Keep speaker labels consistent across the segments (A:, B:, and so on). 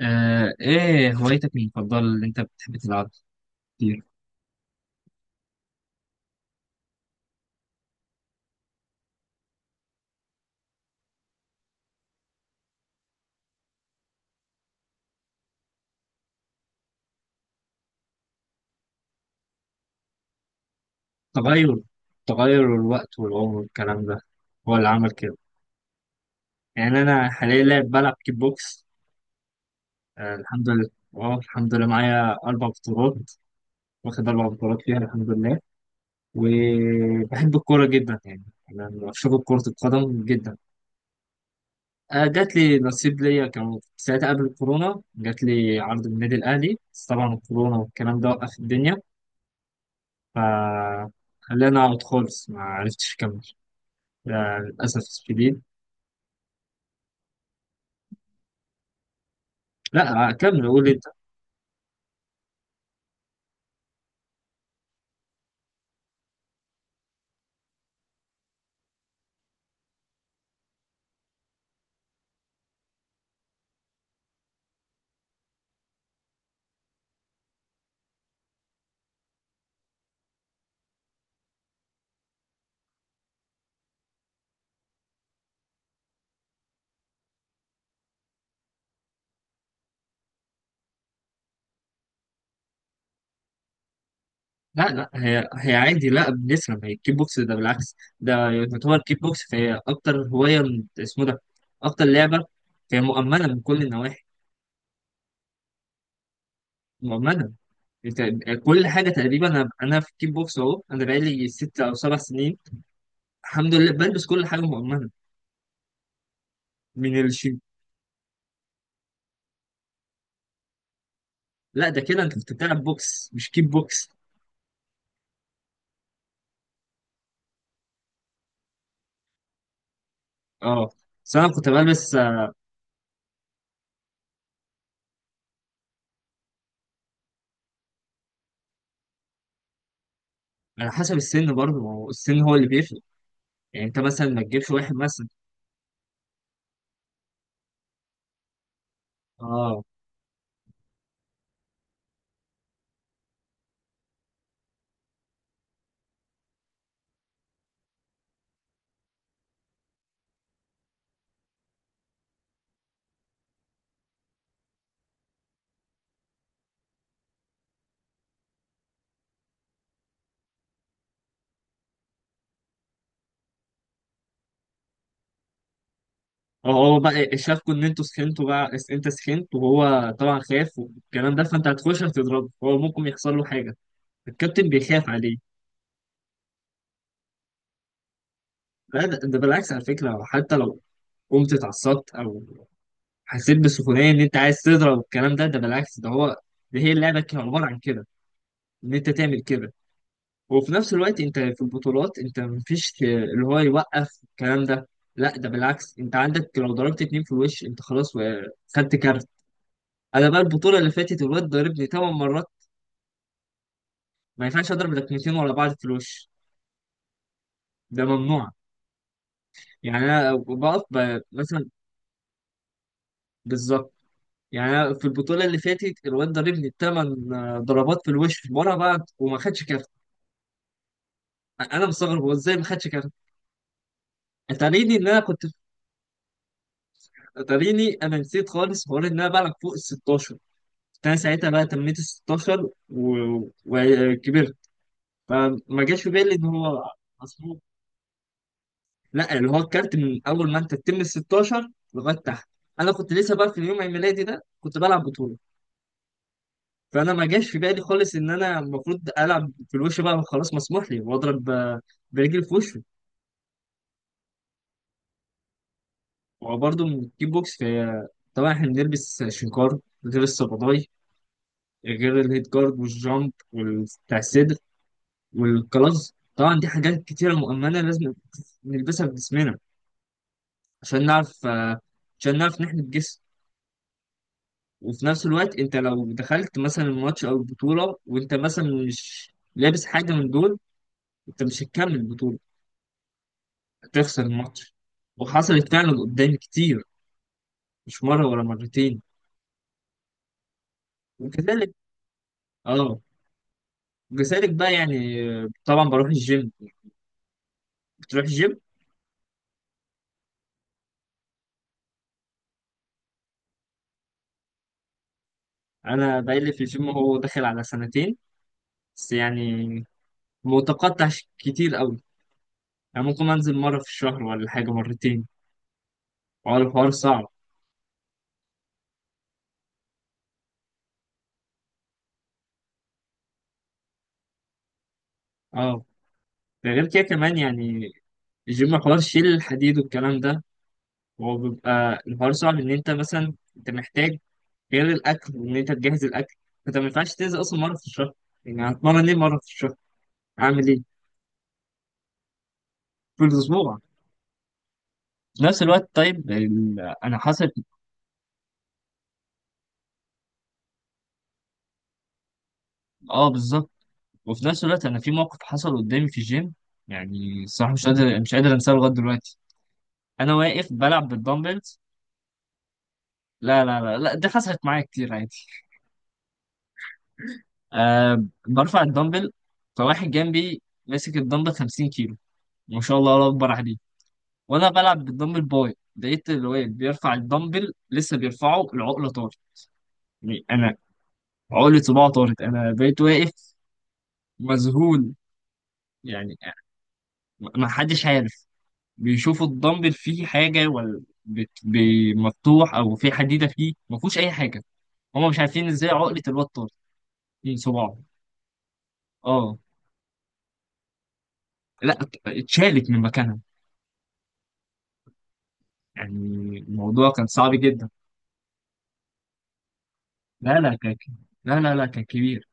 A: ايه هوايتك المفضلة اللي انت بتحب تلعبها كتير؟ تغير تغير الوقت والعمر والكلام ده هو اللي عمل كده. يعني انا حاليا لاعب بلعب كيك بوكس. آه، الحمد لله. اه الحمد لله معايا 4 بطولات، واخد 4 بطولات فيها الحمد لله. وبحب الكورة جدا يعني، انا بشوف كرة القدم جدا. جات لي نصيب ليا، كان ساعتها قبل الكورونا جات لي عرض من النادي الاهلي، بس طبعا الكورونا والكلام ده وقف الدنيا، فخلينا أقعد خالص ما عرفتش أكمل. لا، للأسف الشديد. لا كمل قول أنت. لا لا، هي عادي، لا بنسلم. هي الكيك بوكس ده بالعكس، ده يعتبر كيك بوكس، فهي أكتر هواية اسمه ده، أكتر لعبة. هي مؤمنة من كل النواحي. مؤمنة. أنت كل حاجة تقريبا أنا في الكيك بوكس، أهو أنا بقالي ست أو سبع سنين، الحمد لله بلبس كل حاجة مؤمنة من الشيء. لا ده كده أنت كنت بتلعب بوكس مش كيك بوكس. أه، بس أنا كنت بلبس. على حسب السن برضه، ما هو السن هو اللي بيفرق، يعني انت مثلا ما تجيبش واحد مثلا. اه، هو بقى شافكوا ان انتوا سخنتوا بقى انت سخنت، وهو طبعا خاف والكلام ده، فانت هتخش هتضربه هو ممكن يحصل له حاجه. الكابتن بيخاف عليه. لا ده بالعكس على فكره، حتى لو قمت اتعصبت او حسيت بسخونيه ان انت عايز تضرب والكلام ده ده بالعكس ده هو، ده هي اللعبه كان عباره عن كده، ان انت تعمل كده. وفي نفس الوقت انت في البطولات انت مفيش اللي هو يوقف الكلام ده. لا ده بالعكس، انت عندك لو ضربت اتنين في الوش انت خلاص خدت كارت. انا بقى البطوله اللي فاتت الواد ضربني تمن مرات. ما ينفعش اضرب لكمتين ورا بعض في الوش، ده ممنوع. يعني انا بقف مثلا، بالظبط. يعني انا في البطوله اللي فاتت الواد ضربني تمن ضربات في الوش ورا بعض وما خدش كارت. انا مستغرب هو ازاي ما خدش كارت. اتاريني ان انا كنت اتاريني انا نسيت خالص حوار ان انا بلعب فوق ال 16. انا ساعتها بقى تميت ال 16 وكبرت، فما جاش في بالي ان هو مظبوط. لا اللي هو الكارت من اول ما انت تتم ال 16 لغايه تحت. انا كنت لسه بقى في اليوم عيد ميلادي ده كنت بلعب بطوله، فانا ما جاش في بالي خالص ان انا المفروض العب في الوش بقى، خلاص مسموح لي واضرب برجلي في وشه. وبرضه من الكيك بوكس في، طبعا احنا بنلبس شنكار، غير الصباطاي، غير الهيد جارد والجامب بتاع، والكلاز طبعا، دي حاجات كتيرة مؤمنة لازم نلبسها في جسمنا عشان نعرف عشان نعرف نحمي الجسم. وفي نفس الوقت انت لو دخلت مثلا الماتش او البطولة وانت مثلا مش لابس حاجة من دول، انت مش هتكمل البطولة، هتخسر الماتش. وحصلت فعلا قدامي كتير، مش مرة ولا مرتين. وكذلك، اه، وكذلك بقى يعني طبعا بروح الجيم، بتروح الجيم. انا بقالي في الجيم هو داخل على سنتين، بس يعني متقطع كتير قوي. يعني ممكن انزل مره في الشهر ولا حاجه مرتين، حوار الحوار صعب. اه، ده غير كده كمان، يعني الجيم حوار شيل الحديد والكلام ده هو بيبقى الحوار صعب، ان انت مثلا انت محتاج غير الاكل وان انت تجهز الاكل. فانت ما ينفعش تنزل اصلا مره في الشهر، يعني هتمرن ايه مره في الشهر؟ اعمل ايه في الاسبوع؟ في نفس الوقت طيب انا حصل، اه بالظبط. وفي نفس الوقت انا في موقف حصل قدامي في الجيم، يعني الصراحه مش قادر مش قادر انساه لغايه دلوقتي. انا واقف بلعب بالدمبلز، لا لا لا لا، دي حصلت معايا كتير عادي. أه برفع الدمبل، فواحد جنبي ماسك الدمبل 50 كيلو، ما شاء الله الله اكبر عليه. وانا بلعب بالدمبل باي لقيت الواد بيرفع الدمبل لسه بيرفعه العقله طارت. يعني انا عقله صباعه طارت، انا بقيت واقف مذهول. يعني ما حدش عارف، بيشوفوا الدمبل فيه حاجه ولا مفتوح او في حديده فيه ما فيهوش اي حاجه. هما مش عارفين ازاي عقله الواد طارت من صباعه. اه، لا اتشالت من مكانها. يعني الموضوع كان صعب جدا. لا لا كان، لا لا لا كان كبير.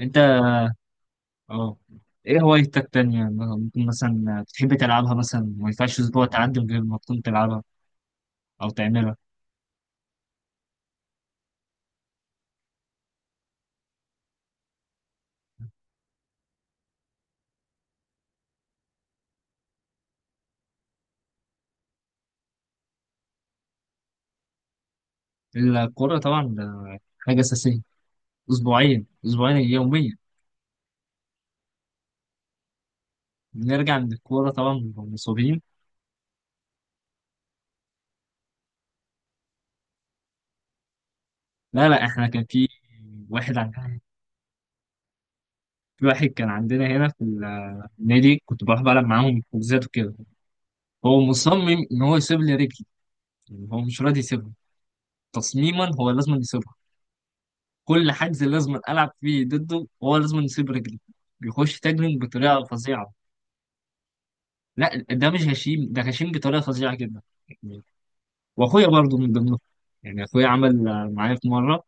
A: انت، اه. ايه هوايتك تانية ممكن مثلا تحب تلعبها، مثلا ما ينفعش اسبوع تعدي من غير ما تكون تلعبها او تعملها؟ الكورة طبعا ده حاجة أساسية، أسبوعين أسبوعين يوميا. بنرجع من الكورة طبعا بنبقى مصابين. لا لا، احنا كان في واحد عن... في واحد كان عندنا هنا في النادي كنت بروح بلعب معاهم حجوزات وكده، هو مصمم إن هو يسيب لي رجلي، يعني هو مش راضي يسيبها، تصميما هو لازم يسيبها. كل حجز لازم العب فيه ضده، هو لازم يسيب رجلي، بيخش تاجرينج بطريقه فظيعه. لا ده مش هشيم، ده هشيم بطريقه فظيعه جدا. يعني واخويا برضه من ضمنهم، يعني اخويا عمل معايا في مره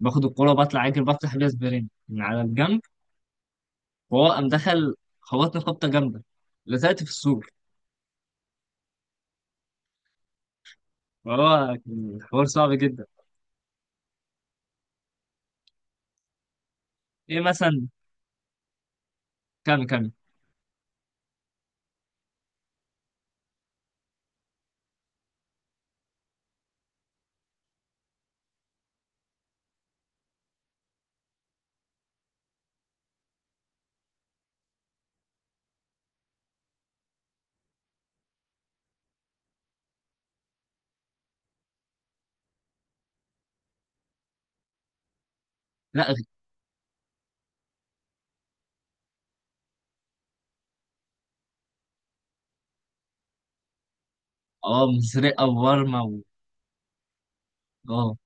A: باخد الكوره بطلع اجري بفتح بيها سبرين من على الجنب، وهو قام دخل خبطني خبطه جامده، لزقت في السور. فهو كان الحوار صعب جدا. ايه مثلا؟ كام كام. لا، اه مزرقه وورمه اه.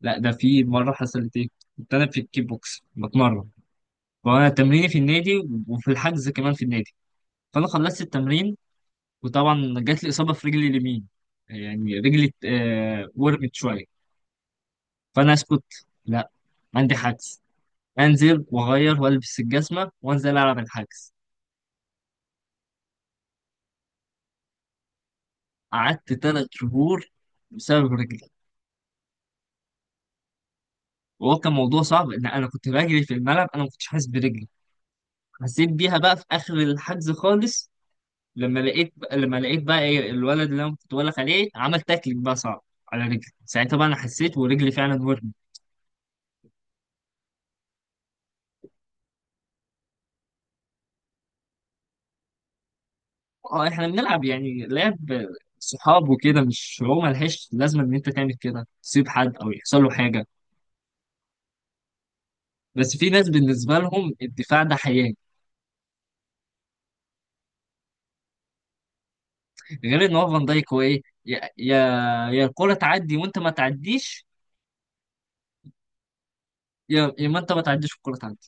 A: لا ده في مرة حصلت ايه، كنت انا في الكيك بوكس بتمرن وانا تمريني في النادي وفي الحجز كمان في النادي، فانا خلصت التمرين وطبعا جات لي اصابة في رجلي اليمين، يعني رجلي ورمت شوية. فانا اسكت، لا، عندي حجز، انزل واغير والبس الجزمة وانزل العب الحجز. قعدت 3 شهور بسبب رجلي، وهو كان موضوع صعب ان انا كنت بجري في الملعب انا ما كنتش حاسس برجلي، حسيت بيها بقى في اخر الحجز خالص، لما لقيت بقى ايه الولد اللي انا كنت بقولك عليه عمل تاكلينج بقى صعب على رجلي، ساعتها بقى انا حسيت ورجلي فعلا ورمت. اه احنا بنلعب يعني لعب صحاب وكده، مش هو ملهاش لازمه ان انت تعمل كده تسيب حد او يحصل له حاجه. بس في ناس بالنسبه لهم الدفاع ده حياه. غير ان هو فان دايك هو ايه، يا يا الكوره تعدي وانت ما تعديش، يا ما انت ما تعديش والكوره تعدي.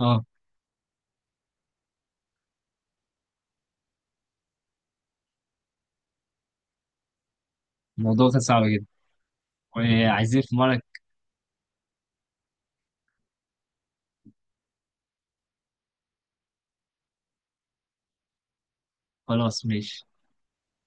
A: اه الموضوع كان صعب جدا، وعايزين في مره. خلاص ماشي.